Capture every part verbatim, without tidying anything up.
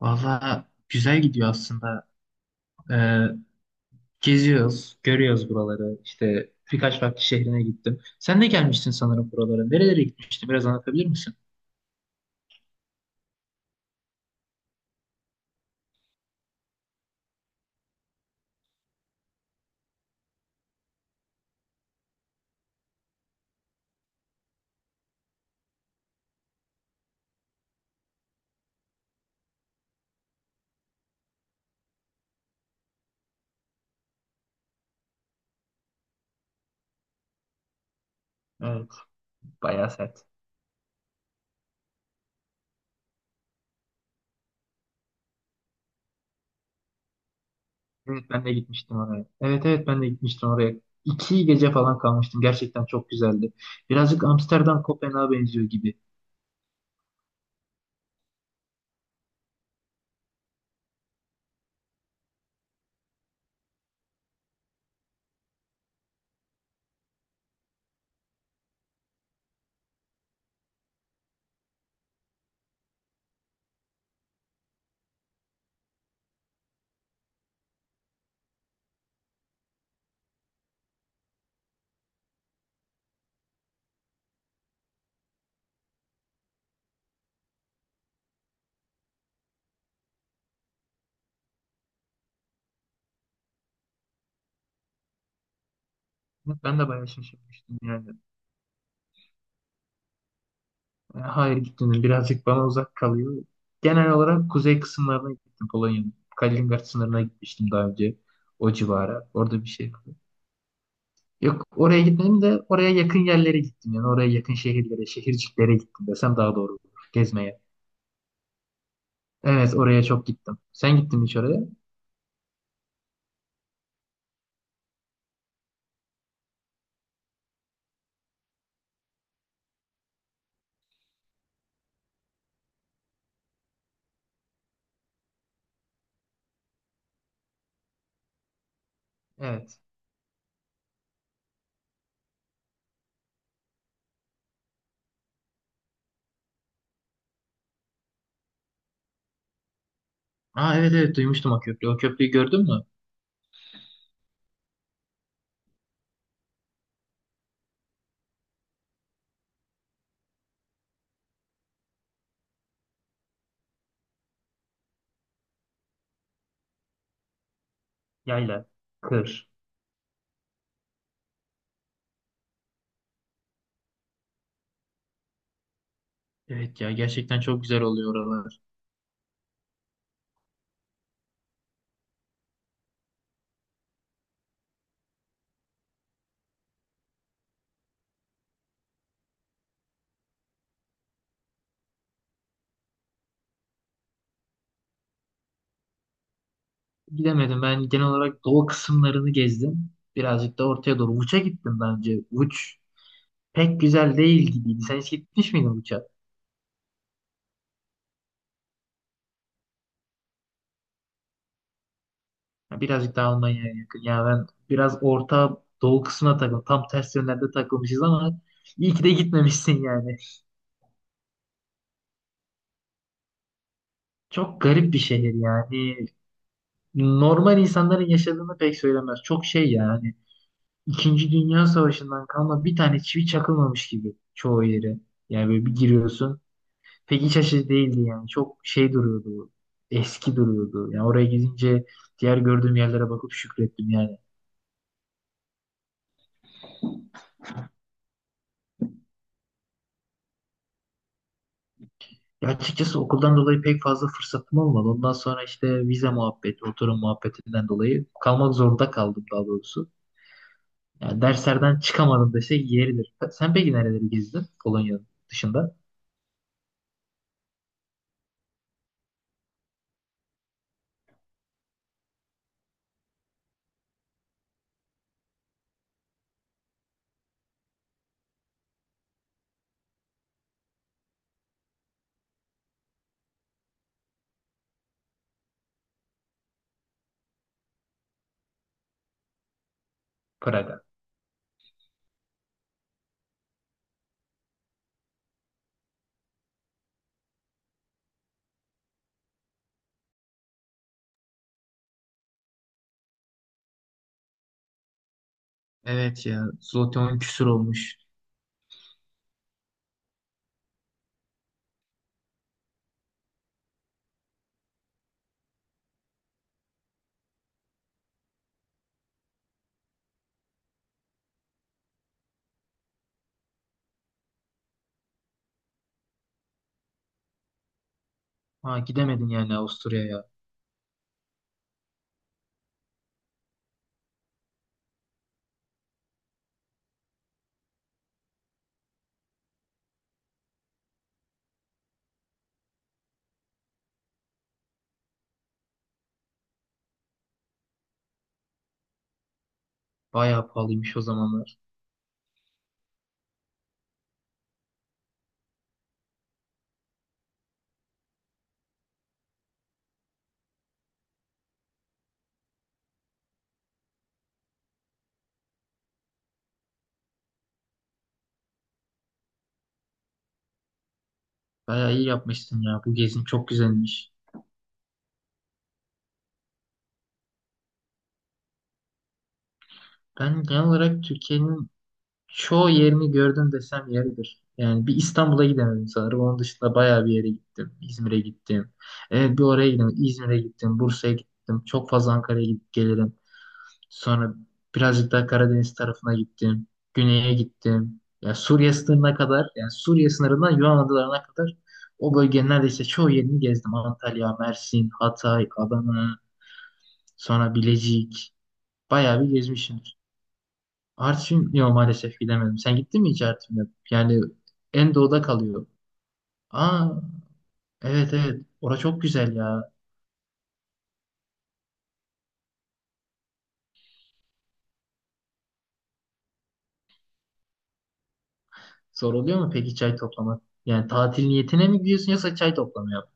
Valla güzel gidiyor aslında. Ee, Geziyoruz, görüyoruz buraları. İşte birkaç farklı şehrine gittim. Sen de gelmiştin sanırım buralara. Nerelere gitmiştin? Biraz anlatabilir misin? Evet, bayağı sert. Evet, ben de gitmiştim oraya. Evet, evet ben de gitmiştim oraya. İki gece falan kalmıştım. Gerçekten çok güzeldi. Birazcık Amsterdam Kopenhag'a benziyor gibi. Evet, ben de bayağı şaşırmıştım yani. E, Hayır gitmedim. Birazcık bana uzak kalıyor. Genel olarak kuzey kısımlarına gittim Polonya'nın. Kaliningrad sınırına gitmiştim daha önce. O civara. Orada bir şey yapıyor. Yok oraya gitmedim de oraya yakın yerlere gittim. Yani oraya yakın şehirlere, şehirciklere gittim desem daha doğru olur. Gezmeye. Evet oraya çok gittim. Sen gittin mi hiç oraya? Evet. Aa evet evet duymuştum o köprüyü. O köprüyü gördün mü? Yayla. Kır. Evet ya gerçekten çok güzel oluyor oralar. Gidemedim. Ben genel olarak doğu kısımlarını gezdim. Birazcık da ortaya doğru. Vuç'a gittim daha önce. Vuç pek güzel değil gibiydi. Sen hiç gitmiş miydin Vuç'a? Ya birazcık daha Almanya'ya yakın. Ya ben biraz orta doğu kısmına takıldım. Tam ters yönlerde takılmışız ama iyi ki de gitmemişsin yani. Çok garip bir şehir yani. Normal insanların yaşadığını pek söylemez. Çok şey yani. İkinci Dünya Savaşı'ndan kalma bir tane çivi çakılmamış gibi çoğu yeri. Yani böyle bir giriyorsun. Pek iç açıcı değildi yani. Çok şey duruyordu. Eski duruyordu. Yani oraya gidince diğer gördüğüm yerlere bakıp şükrettim yani. Ya açıkçası okuldan dolayı pek fazla fırsatım olmadı. Ondan sonra işte vize muhabbeti, oturum muhabbetinden dolayı kalmak zorunda kaldım daha doğrusu. Yani derslerden çıkamadım dese yeridir. Sen peki nereleri gezdin Polonya dışında? Praga. Evet ya. Zloty on küsur olmuş. Ha gidemedin yani Avusturya'ya. Bayağı pahalıymış o zamanlar. Bayağı iyi yapmışsın ya. Bu gezin çok güzelmiş. Ben genel olarak Türkiye'nin çoğu yerini gördüm desem yeridir. Yani bir İstanbul'a gidemedim sanırım. Onun dışında bayağı bir yere gittim. İzmir'e gittim. Evet, bir oraya gittim. İzmir'e gittim. Bursa'ya gittim. Çok fazla Ankara'ya gidip gelirim. Sonra birazcık daha Karadeniz tarafına gittim. Güney'e gittim. Yani Suriye sınırına kadar, yani Suriye sınırından Yunan adalarına kadar o bölgenin neredeyse çoğu yerini gezdim. Antalya, Mersin, Hatay, Adana, sonra Bilecik. Bayağı bir gezmişim. Artvin yok maalesef gidemedim. Sen gittin mi hiç Artvin'e? Yani en doğuda kalıyor. Aa evet evet. Orası çok güzel ya. Zor oluyor mu peki çay toplamak? Yani tatil niyetine mi gidiyorsun yoksa çay toplamaya mı?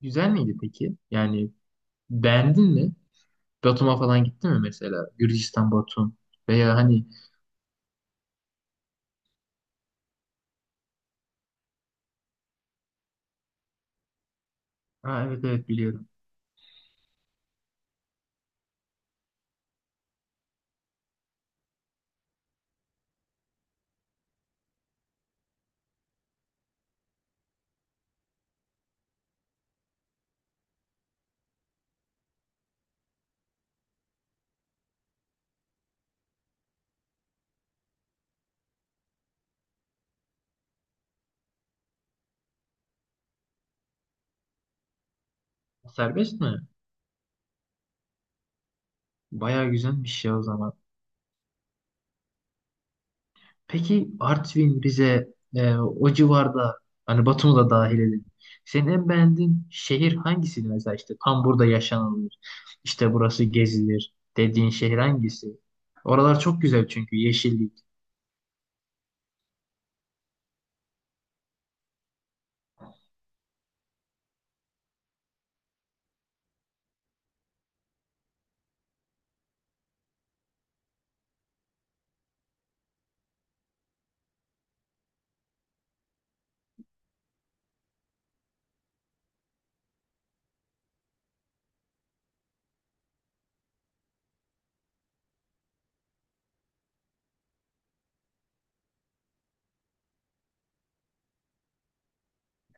Güzel miydi peki? Yani beğendin mi? Batum'a falan gittin mi mesela? Gürcistan, Batum veya hani aa, evet evet biliyorum. Serbest mi? Bayağı güzelmiş ya o zaman. Peki Artvin, Rize, e, o civarda hani Batum'u da dahil edin. Senin en beğendiğin şehir hangisiydi mesela işte tam burada yaşanılır. İşte burası gezilir dediğin şehir hangisi? Oralar çok güzel çünkü yeşillik.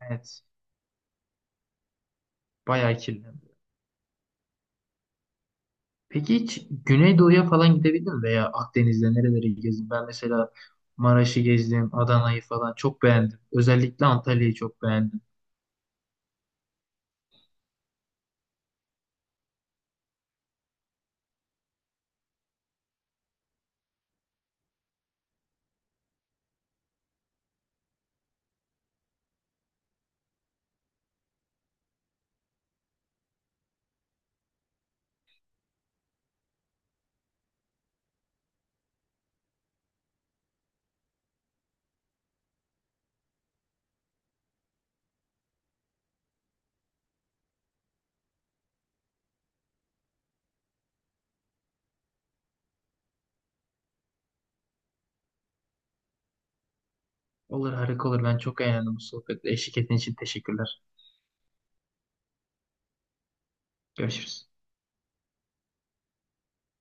Evet, bayağı kirlendi. Peki hiç Güneydoğu'ya falan gidebildin mi? Veya Akdeniz'de nereleri gezdin? Ben mesela Maraş'ı gezdim, Adana'yı falan çok beğendim. Özellikle Antalya'yı çok beğendim. Olur harika olur. Ben çok eğlendim bu sohbetle. Eşlik ettiğin için teşekkürler. Görüşürüz.